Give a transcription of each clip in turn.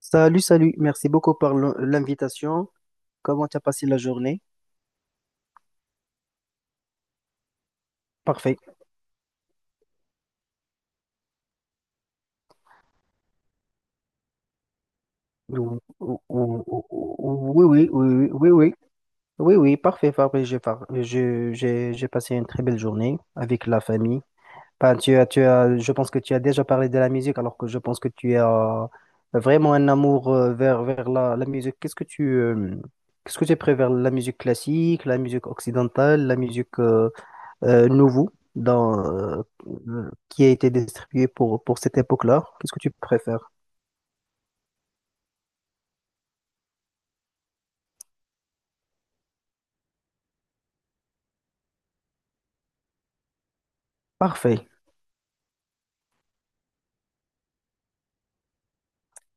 Salut, salut. Merci beaucoup pour l'invitation. Comment tu as passé la journée? Parfait. Oui, oui, oui, oui, oui, oui, oui, oui, parfait, parfait. J'ai par- je- j'ai passé une très belle journée avec la famille. Ben, je pense que tu as déjà parlé de la musique, alors que je pense que tu as vraiment un amour vers la musique. Qu'est-ce que tu préfères? La musique classique, la musique occidentale, la musique nouveau dans, euh, qui a été distribué pour cette époque-là. Qu'est-ce que tu préfères? Parfait.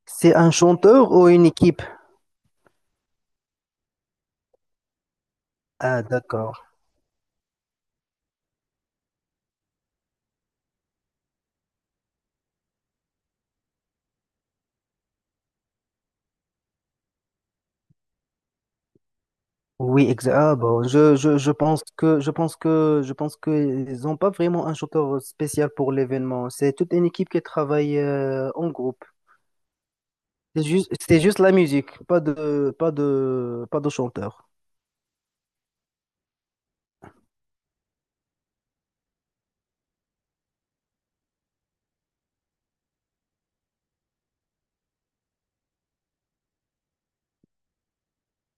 C'est un chanteur ou une équipe? Ah, d'accord. Oui, exact. Ah, bon, je pense que ils n'ont pas vraiment un chanteur spécial pour l'événement. C'est toute une équipe qui travaille en groupe. C'est juste la musique, pas de chanteur.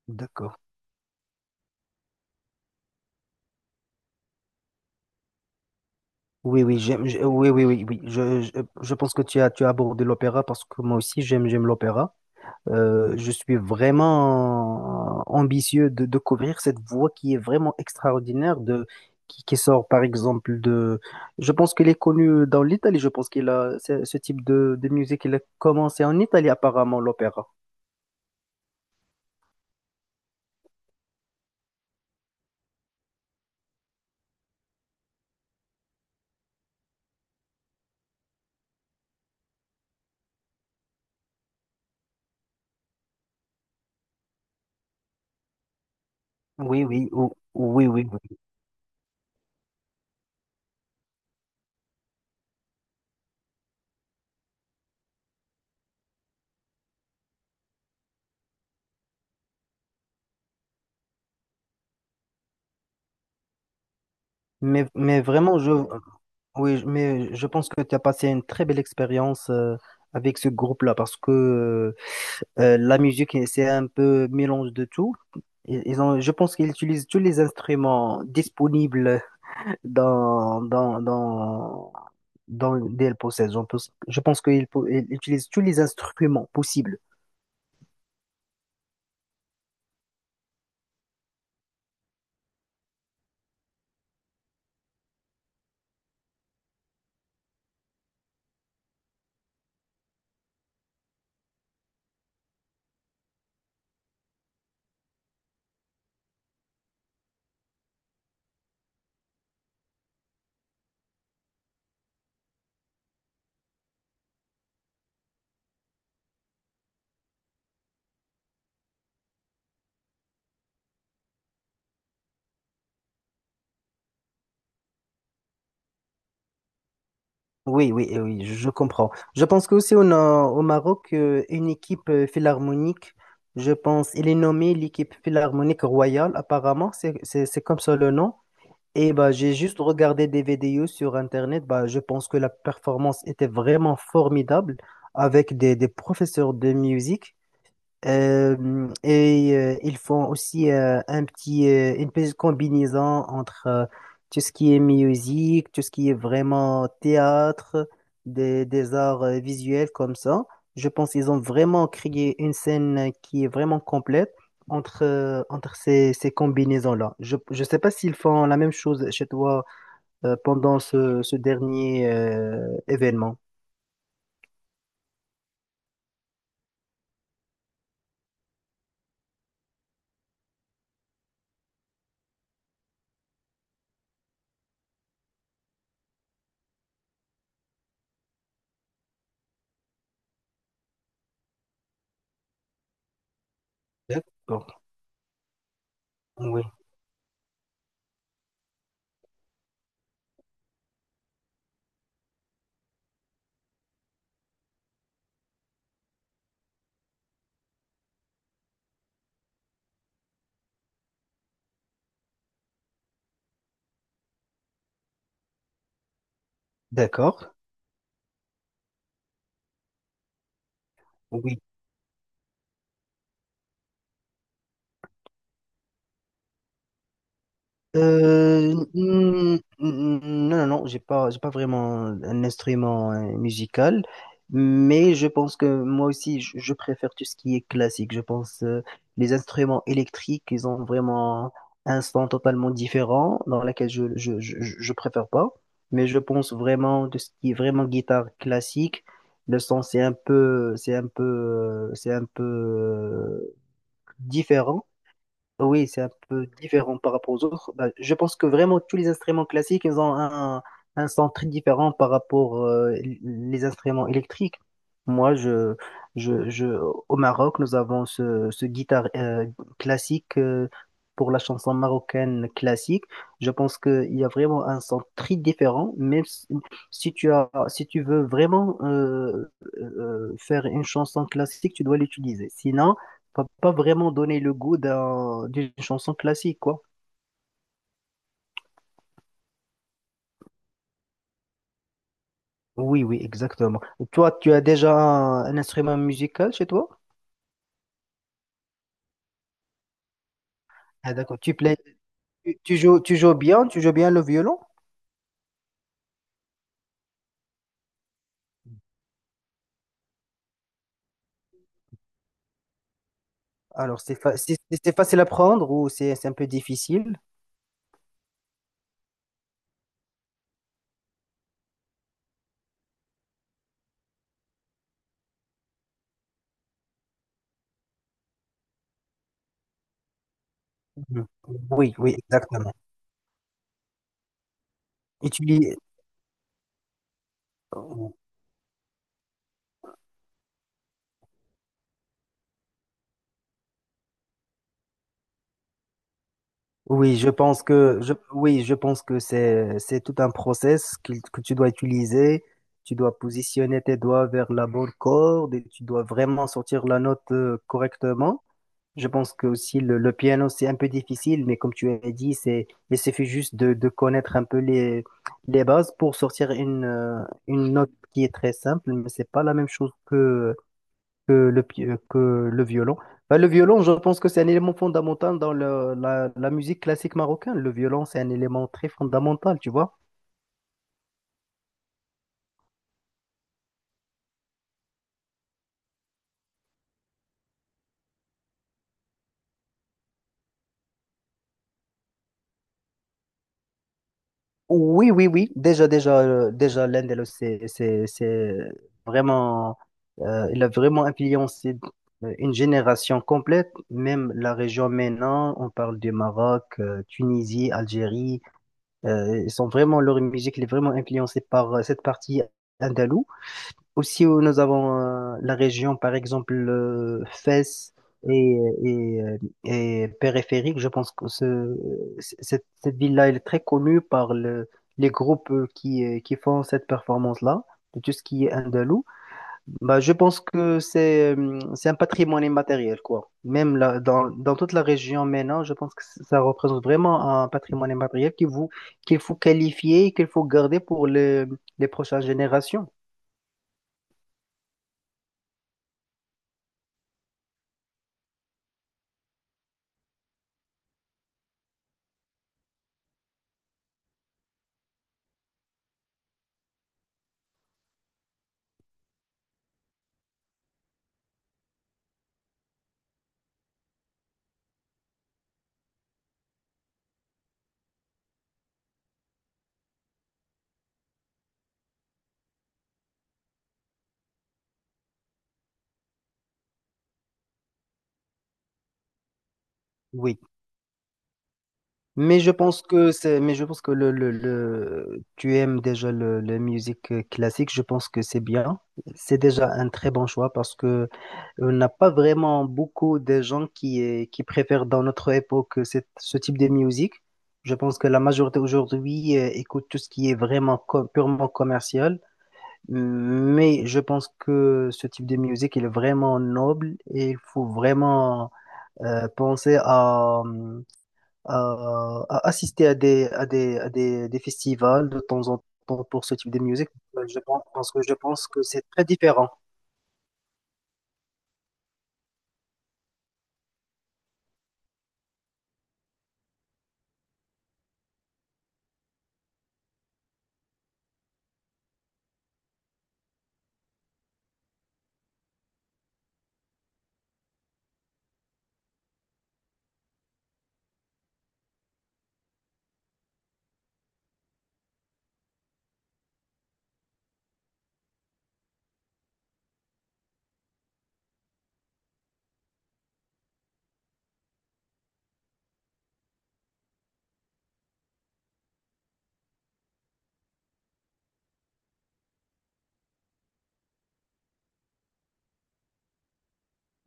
D'accord. Oui, oui, oui, oui, oui, oui. Je pense que tu as abordé l'opéra parce que moi aussi j'aime l'opéra. Je suis vraiment ambitieux de couvrir cette voie qui est vraiment extraordinaire, qui sort par exemple de. Je pense qu'elle est connue dans l'Italie, je pense qu'il a ce type de musique, il a commencé en Italie apparemment, l'opéra. Oui, oui, oui, oui, oui. Mais vraiment, oui, mais je pense que tu as passé une très belle expérience avec ce groupe-là parce que la musique, c'est un peu mélange de tout. Ils ont, je pense qu'ils utilisent tous les instruments disponibles dans, dans, dans, dans DL Process. Je pense qu'ils pou- ils utilisent tous les instruments possibles. Oui, oui, eh oui, je comprends. Je pense qu'aussi on a au Maroc une équipe philharmonique. Je pense, elle est nommée l'équipe philharmonique royale, apparemment, c'est comme ça le nom. Et bah, j'ai juste regardé des vidéos sur Internet. Bah, je pense que la performance était vraiment formidable avec des professeurs de musique. Et ils font aussi une petite combinaison entre tout ce qui est musique, tout ce qui est vraiment théâtre, des arts visuels comme ça. Je pense qu'ils ont vraiment créé une scène qui est vraiment complète entre ces combinaisons-là. Je ne sais pas s'ils font la même chose chez toi pendant ce dernier événement. D'accord. Oui. D'accord. Oui. Non, non, non, j'ai pas vraiment un instrument musical, mais je pense que moi aussi, je préfère tout ce qui est classique. Je pense les instruments électriques, ils ont vraiment un son totalement différent dans lequel je préfère pas. Mais je pense vraiment de ce qui est vraiment guitare classique, le son c'est un peu différent. Oui, c'est un peu différent par rapport aux autres. Bah, je pense que vraiment tous les instruments classiques, ils ont un son très différent par rapport les instruments électriques. Moi, je, je, au Maroc, nous avons ce guitare classique pour la chanson marocaine classique. Je pense qu'il y a vraiment un son très différent, même si, si tu veux vraiment faire une chanson classique, tu dois l'utiliser. Sinon, va pas vraiment donner le goût d'une chanson classique, quoi. Oui, oui, exactement. Toi, tu as déjà un instrument musical chez toi? Ah, d'accord. Tu tu joues bien le violon? Alors, c'est facile à prendre ou c'est un peu difficile? Mhm. Oui, oui, exactement. Et tu y- Oui, je pense que je pense que c'est tout un process tu dois utiliser. Tu dois positionner tes doigts vers la bonne corde et tu dois vraiment sortir la note correctement. Je pense que aussi le piano c'est un peu difficile, mais comme tu as dit, c'est il suffit juste de connaître un peu les bases pour sortir une note qui est très simple, mais c'est pas la même chose que le violon. Bah, le violon, je pense que c'est un élément fondamental dans la musique classique marocaine. Le violon, c'est un élément très fondamental, tu vois. Oui, oui, oui. Déjà, déjà, l'Indel, vraiment, il a vraiment influencé une génération complète, même la région maintenant. On parle du Maroc, Tunisie, Algérie. Ils sont vraiment, leur musique, elle est vraiment influencée par cette partie andalouse. Aussi, où nous avons la région, par exemple, Fès et, et, euh, et périphérique. Je pense que cette ville-là, elle est très connue par les groupes qui font cette performance-là, de tout ce qui est andalou. Bah, je pense que c'est un patrimoine immatériel, quoi. Même là, dans toute la région maintenant, je pense que ça représente vraiment un patrimoine immatériel qu'il faut qualifier et qu'il faut garder pour les prochaines générations. Oui. Mais je pense que tu aimes déjà la musique classique. Je pense que c'est bien. C'est déjà un très bon choix parce que on n'a pas vraiment beaucoup de gens qui préfèrent dans notre époque ce type de musique. Je pense que la majorité aujourd'hui écoute tout ce qui est vraiment purement commercial. Mais je pense que ce type de musique il est vraiment noble et il faut vraiment penser à assister des festivals de temps en temps pour ce type de musique, je pense, parce que je pense que c'est très différent.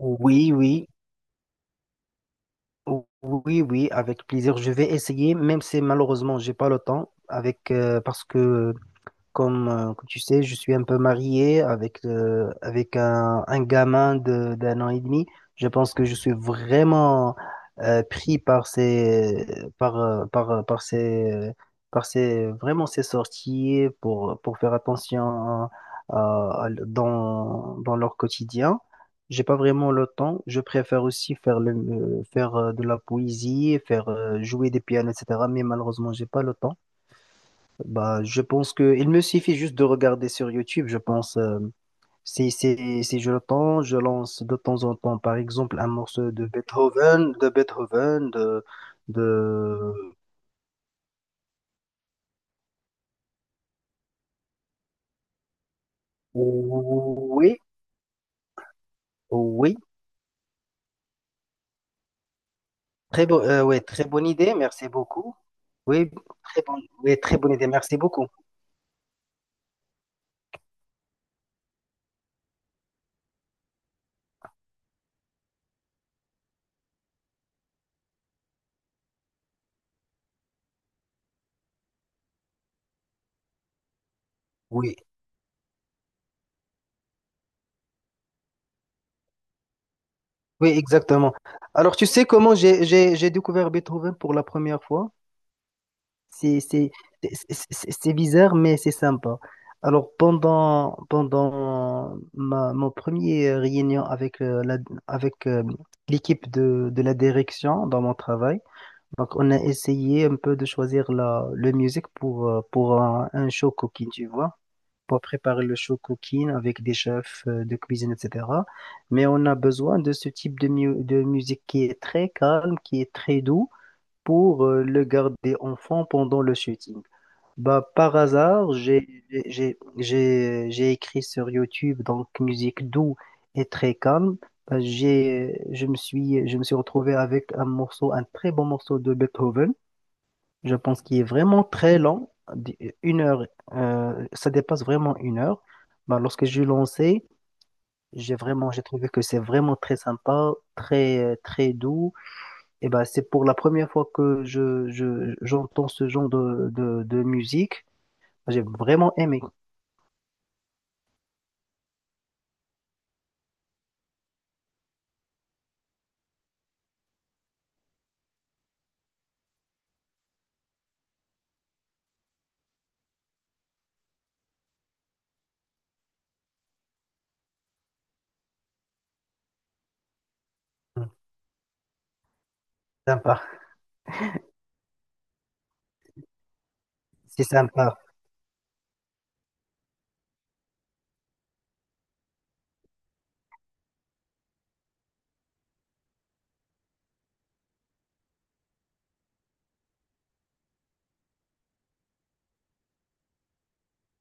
Oui, oui, oui, oui, avec plaisir. Je vais essayer, même si malheureusement, j'ai pas le temps, parce que comme tu sais, je suis un peu marié avec un gamin d'1 an et demi. Je pense que je suis vraiment pris par, euh, par, euh, par ces, par ces, vraiment ces sorties pour faire attention dans leur quotidien. J'ai pas vraiment le temps. Je préfère aussi faire de la poésie, faire jouer des pianos, etc. Mais malheureusement, j'ai pas le temps. Bah, je pense que il me suffit juste de regarder sur YouTube, je pense. Si si, je l'entends, je lance de temps en temps, par exemple, un morceau de Beethoven, de Beethoven, de... Oui, oui. Très bon, ouais, très bonne idée, merci beaucoup. Oui, très bon, oui, très bonne idée, merci beaucoup. Oui, oui, exactement. Alors, tu sais comment j'ai découvert Beethoven pour la première fois? C'est c'est- c'est bizarre, mais c'est sympa. Alors, pendant mon premier réunion avec l'équipe de la direction dans mon travail, donc on a essayé un peu de choisir le musique pour un show cooking, tu vois, pour préparer le show cooking avec des chefs de cuisine, etc. Mais on a besoin de ce type de musique qui est très calme, qui est très doux pour le garder en fond pendant le shooting. Bah, par hasard, j'ai écrit sur YouTube donc musique doux et très calme. Bah, j'ai je me suis retrouvé avec un très bon morceau de Beethoven. Je pense qu'il est vraiment très lent, une heure ça dépasse vraiment 1 heure. Bah, lorsque j'ai lancé, j'ai trouvé que c'est vraiment très sympa, très très doux. Et bah, c'est pour la première fois que je j'entends ce genre de musique. J'ai vraiment aimé. Hmm. Sympa, c'est sympa.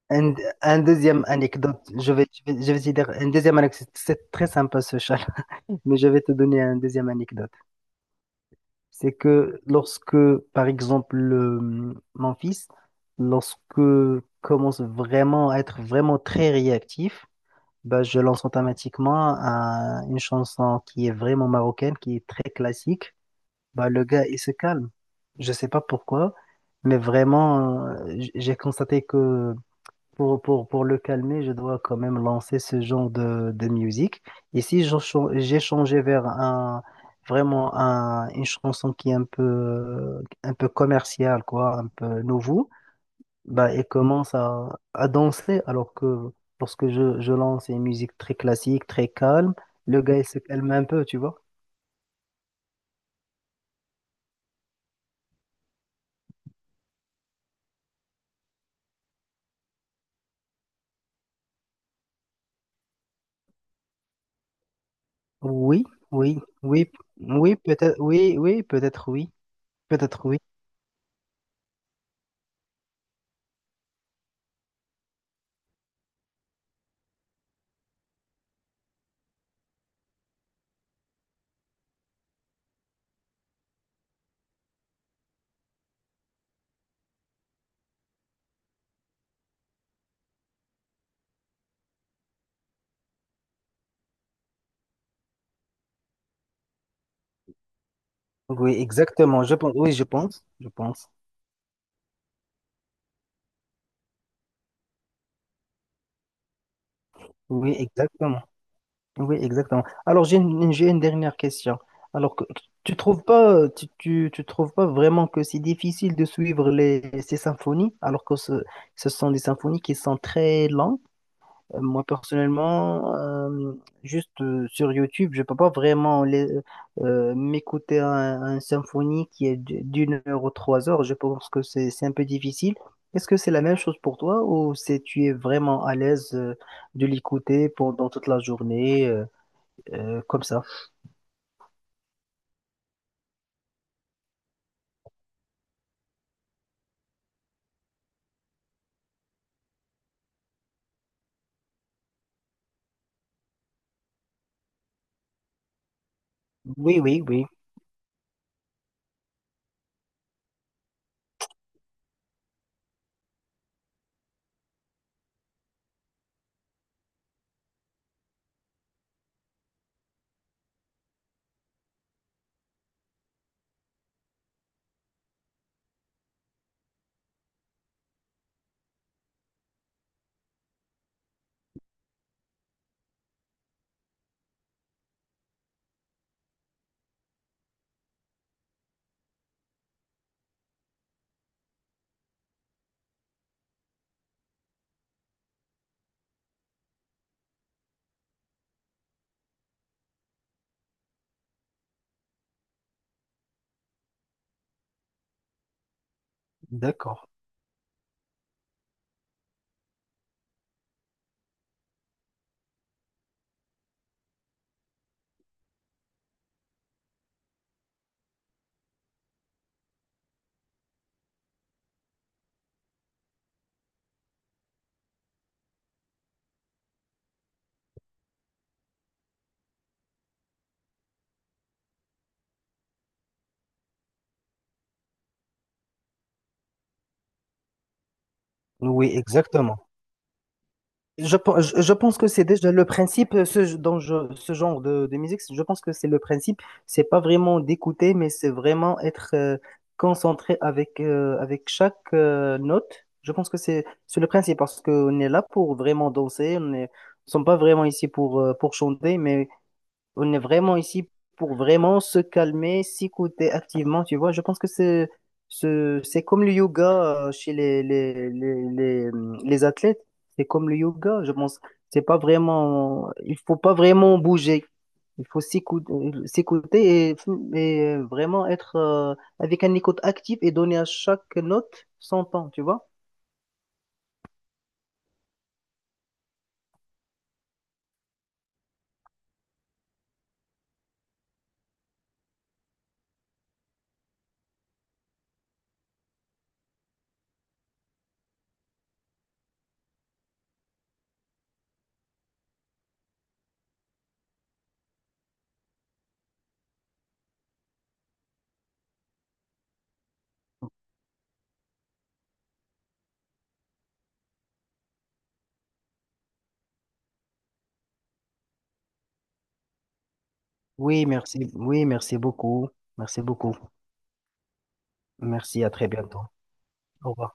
Un, un deuxième anecdote, je vais te dire une deuxième anecdote, c'est très sympa ce chat, mais je vais te donner une deuxième anecdote. C'est que lorsque, par exemple, mon fils, lorsque commence vraiment à être vraiment très réactif, bah, je lance automatiquement une chanson qui est vraiment marocaine, qui est très classique. Bah, le gars, il se calme. Je sais pas pourquoi, mais vraiment, j'ai constaté que pour le calmer, je dois quand même lancer ce genre de musique. Et si je cha- j'ai changé vers une chanson qui est un peu commerciale, quoi, un peu nouveau, bah, elle commence à danser. Alors que lorsque je lance une musique très classique, très calme, le gars, il se calme un peu, tu vois. Oui, oui, oui, oui, peut-être, oui, oui, peut-être, oui, peut-être, oui. Oui, exactement, je pense, oui, je pense, je pense. Oui, exactement. Oui, exactement. Alors, j'ai une dernière question. Alors, tu trouves pas vraiment que c'est difficile de suivre ces symphonies, alors que ce sont des symphonies qui sont très lentes. Moi, personnellement, juste sur YouTube, je peux pas vraiment m'écouter un symphonie qui est d'une heure ou 3 heures. Je pense que c'est un peu difficile. Est-ce que c'est la même chose pour toi ou c'est tu es vraiment à l'aise de l'écouter pendant toute la journée? Comme ça. Oui, oui, oui, d'accord. Oui, exactement. Je, pe- je pense que c'est déjà le principe, ce genre de musique, je pense que c'est le principe, c'est pas vraiment d'écouter, mais c'est vraiment être concentré avec chaque note. Je pense que c'est le principe, parce qu'on est là pour vraiment danser, nous sommes pas vraiment ici pour chanter, mais on est vraiment ici pour vraiment se calmer, s'écouter activement, tu vois. Je pense que c'est comme le yoga chez les athlètes. C'est comme le yoga, je pense. C'est pas vraiment, Il faut pas vraiment bouger. Il faut s'écouter, s'écouter et vraiment être avec un écoute active et donner à chaque note son temps, tu vois. Oui, merci. Oui, merci beaucoup. Merci beaucoup. Merci, à très bientôt. Au revoir.